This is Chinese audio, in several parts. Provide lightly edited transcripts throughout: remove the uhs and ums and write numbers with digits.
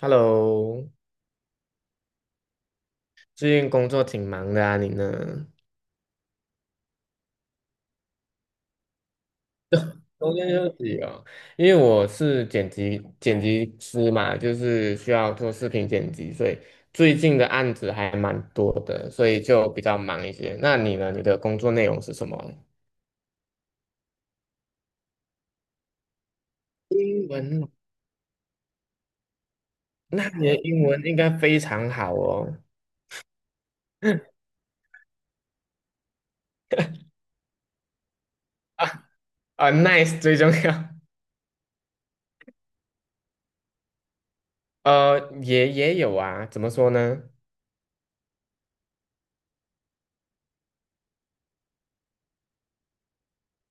Hello，最近工作挺忙的啊，你呢？中间休息哦，因为我是剪辑师嘛，就是需要做视频剪辑，所以最近的案子还蛮多的，所以就比较忙一些。那你呢？你的工作内容是什么？英文哦。那你的英文应该非常好哦。啊啊，nice 最重要。也有啊，怎么说呢？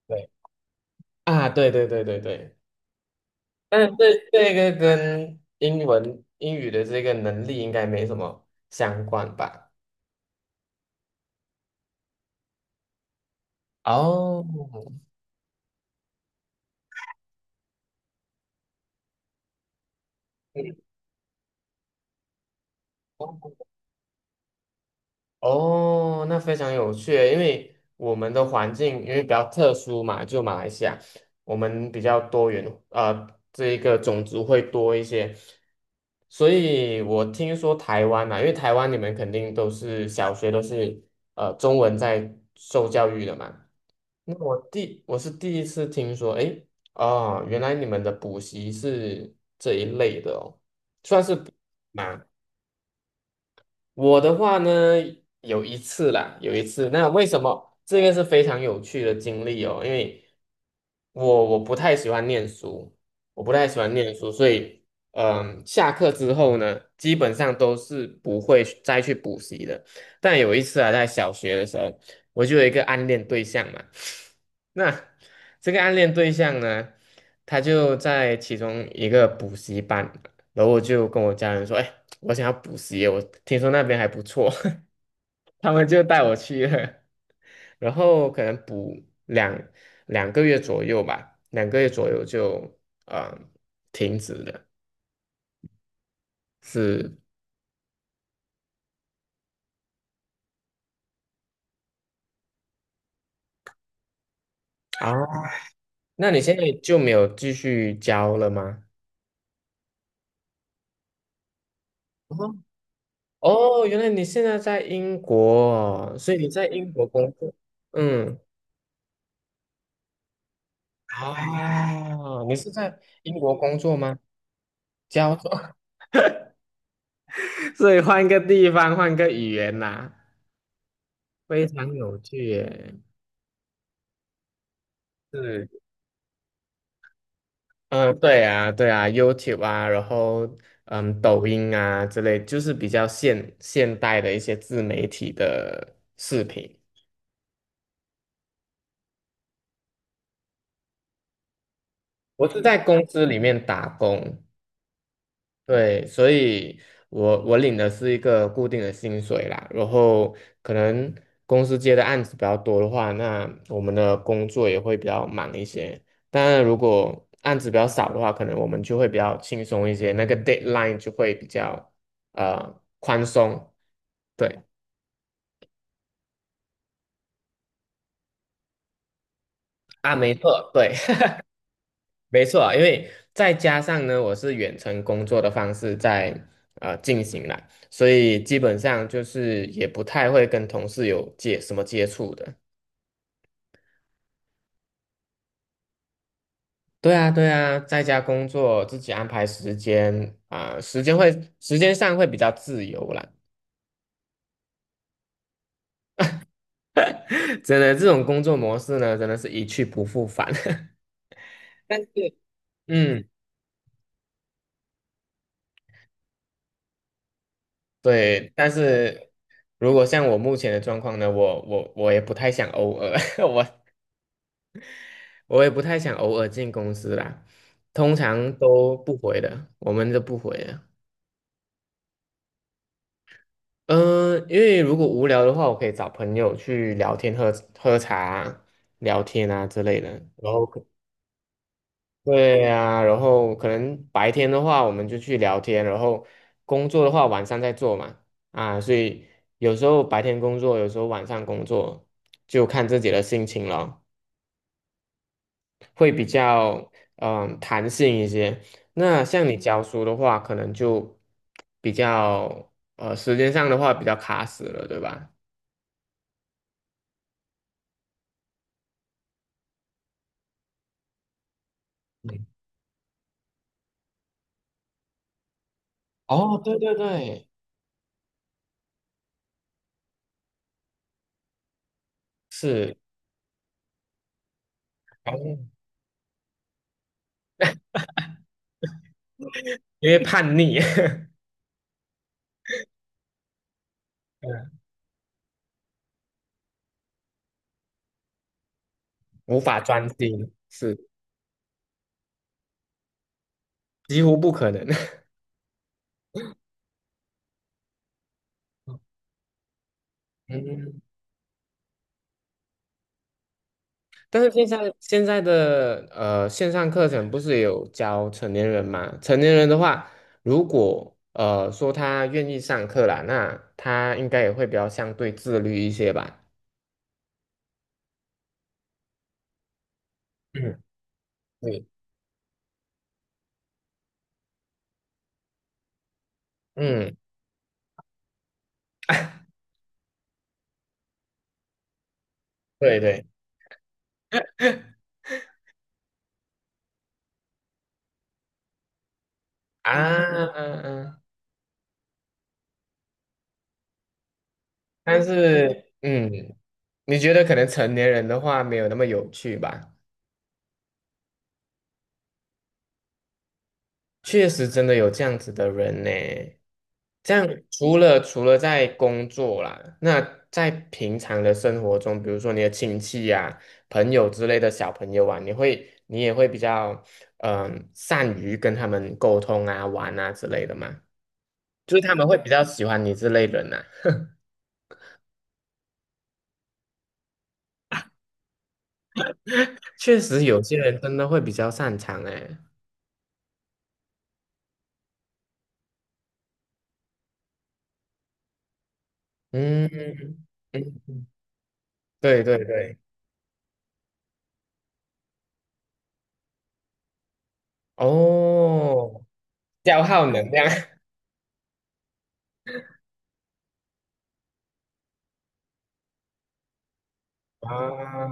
对啊，对对对对对，但是这个跟英文英语的这个能力应该没什么相关吧？哦，嗯哦，那非常有趣，因为我们的环境因为比较特殊嘛，就马来西亚，我们比较多元，这一个种族会多一些，所以我听说台湾嘛，因为台湾你们肯定都是小学都是中文在受教育的嘛。那我是第一次听说，诶，啊，原来你们的补习是这一类的哦，算是补吗？我的话呢，有一次啦，有一次，那为什么这个是非常有趣的经历哦？因为我不太喜欢念书，我不太喜欢念书，所以下课之后呢，基本上都是不会去再去补习的。但有一次啊，在小学的时候，我就有一个暗恋对象嘛。那这个暗恋对象呢，他就在其中一个补习班，然后我就跟我家人说："哎，我想要补习，我听说那边还不错。" 他们就带我去了，然后可能补两个月左右吧，两个月左右就呃停止了。是啊，那你现在就没有继续教了吗？哦，哦，原来你现在在英国哦，所以你在英国工作，嗯。啊，你是在英国工作吗？交作，所以换个地方，换个语言啦，非常有趣耶。是，嗯，对啊，对啊，YouTube 啊，然后抖音啊之类，就是比较现代的一些自媒体的视频。我是在公司里面打工，对，所以我领的是一个固定的薪水啦，然后可能公司接的案子比较多的话，那我们的工作也会比较忙一些。当然，如果案子比较少的话，可能我们就会比较轻松一些，那个 deadline 就会比较宽松。对，啊，没错，对。没错啊，因为再加上呢，我是远程工作的方式在进行啦，所以基本上就是也不太会跟同事有接什么接触的。对啊，对啊，在家工作，自己安排时间啊，时间上会比较自由啦。真的，这种工作模式呢，真的是一去不复返。但是，嗯，对，但是如果像我目前的状况呢，我也不太想偶尔，我我也不太想偶尔进公司啦，通常都不回的，我们都不回的。嗯、因为如果无聊的话，我可以找朋友去聊天、喝茶啊聊天啊之类的。然后可对啊，然后可能白天的话，我们就去聊天，然后工作的话，晚上再做嘛。啊，所以有时候白天工作，有时候晚上工作，就看自己的心情了。会比较弹性一些。那像你教书的话，可能就比较时间上的话比较卡死了，对吧？嗯哦，对对对，是，哦因为叛逆，无法专心，是几乎不可能。嗯但是现在的线上课程不是也有教成年人嘛？成年人的话，如果说他愿意上课啦，那他应该也会比较相对自律一些吧？嗯，对，嗯，对对啊，嗯嗯，但是你觉得可能成年人的话没有那么有趣吧？确实真的有这样子的人呢。这样除了在工作啦，那在平常的生活中，比如说你的亲戚呀、朋友之类的小朋友啊，你也会比较善于跟他们沟通啊、玩啊之类的嘛，就是他们会比较喜欢你这类人呐、确实有些人真的会比较擅长哎、嗯嗯，对对对，哦，消耗能量。啊，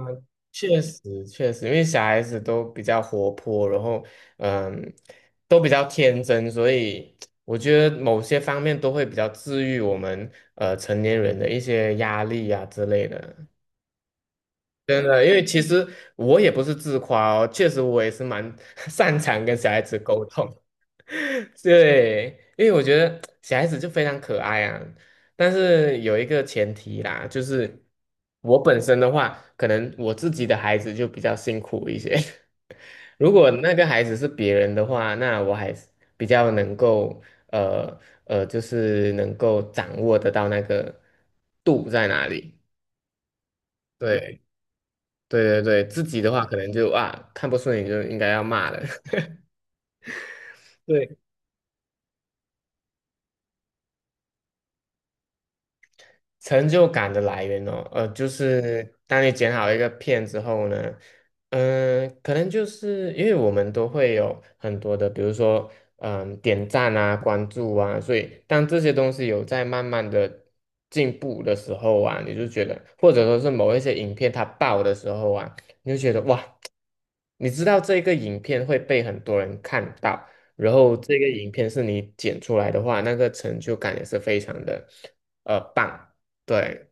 确实确实，因为小孩子都比较活泼，然后嗯，都比较天真，所以我觉得某些方面都会比较治愈我们成年人的一些压力啊之类的。真的，因为其实我也不是自夸哦，确实我也是蛮 擅长跟小孩子沟通。对，因为我觉得小孩子就非常可爱啊，但是有一个前提啦，就是我本身的话，可能我自己的孩子就比较辛苦一些。如果那个孩子是别人的话，那我还是比较能够呃就是能够掌握得到那个度在哪里。对。对对对，自己的话可能就啊看不顺眼就应该要骂了。对，成就感的来源哦，就是当你剪好一个片之后呢，可能就是因为我们都会有很多的，比如说，点赞啊、关注啊，所以当这些东西有在慢慢的进步的时候啊，你就觉得，或者说是某一些影片它爆的时候啊，你就觉得哇，你知道这个影片会被很多人看到，然后这个影片是你剪出来的话，那个成就感也是非常的，棒。对，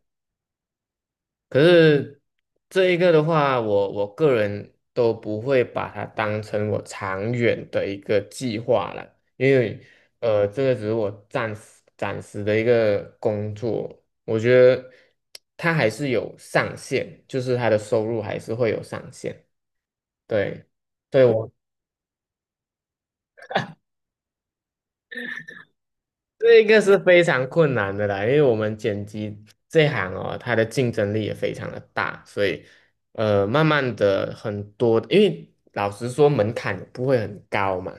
可是这一个的话，我个人都不会把它当成我长远的一个计划了，因为这个只是我暂时的一个工作，我觉得它还是有上限，就是它的收入还是会有上限，对，对我这个是非常困难的啦，因为我们剪辑这行哦，它的竞争力也非常的大，所以慢慢的很多，因为老实说门槛也不会很高嘛，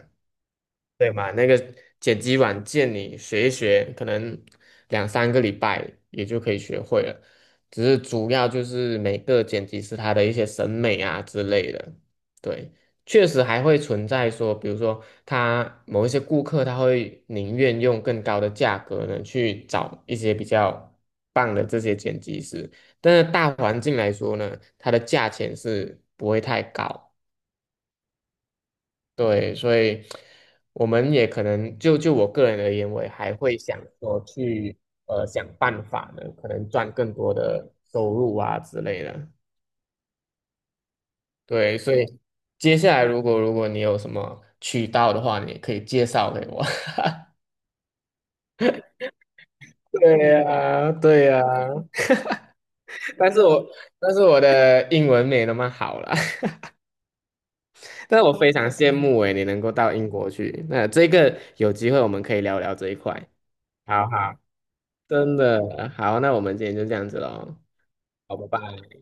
对嘛？那个剪辑软件你学一学，可能两三个礼拜也就可以学会了。只是主要就是每个剪辑师他的一些审美啊之类的。对，确实还会存在说，比如说他某一些顾客他会宁愿用更高的价格呢去找一些比较棒的这些剪辑师，但是大环境来说呢，它的价钱是不会太高。对，所以我们也可能就我个人而言，我也还会想说去想办法呢，可能赚更多的收入啊之类的。对，所以接下来如果你有什么渠道的话，你也可以介绍给我。对呀，对呀，但是我但是我的英文没那么好啦，但是我非常羡慕诶，你能够到英国去。那这个有机会我们可以聊聊这一块。好好，真的好，那我们今天就这样子喽。好，拜拜。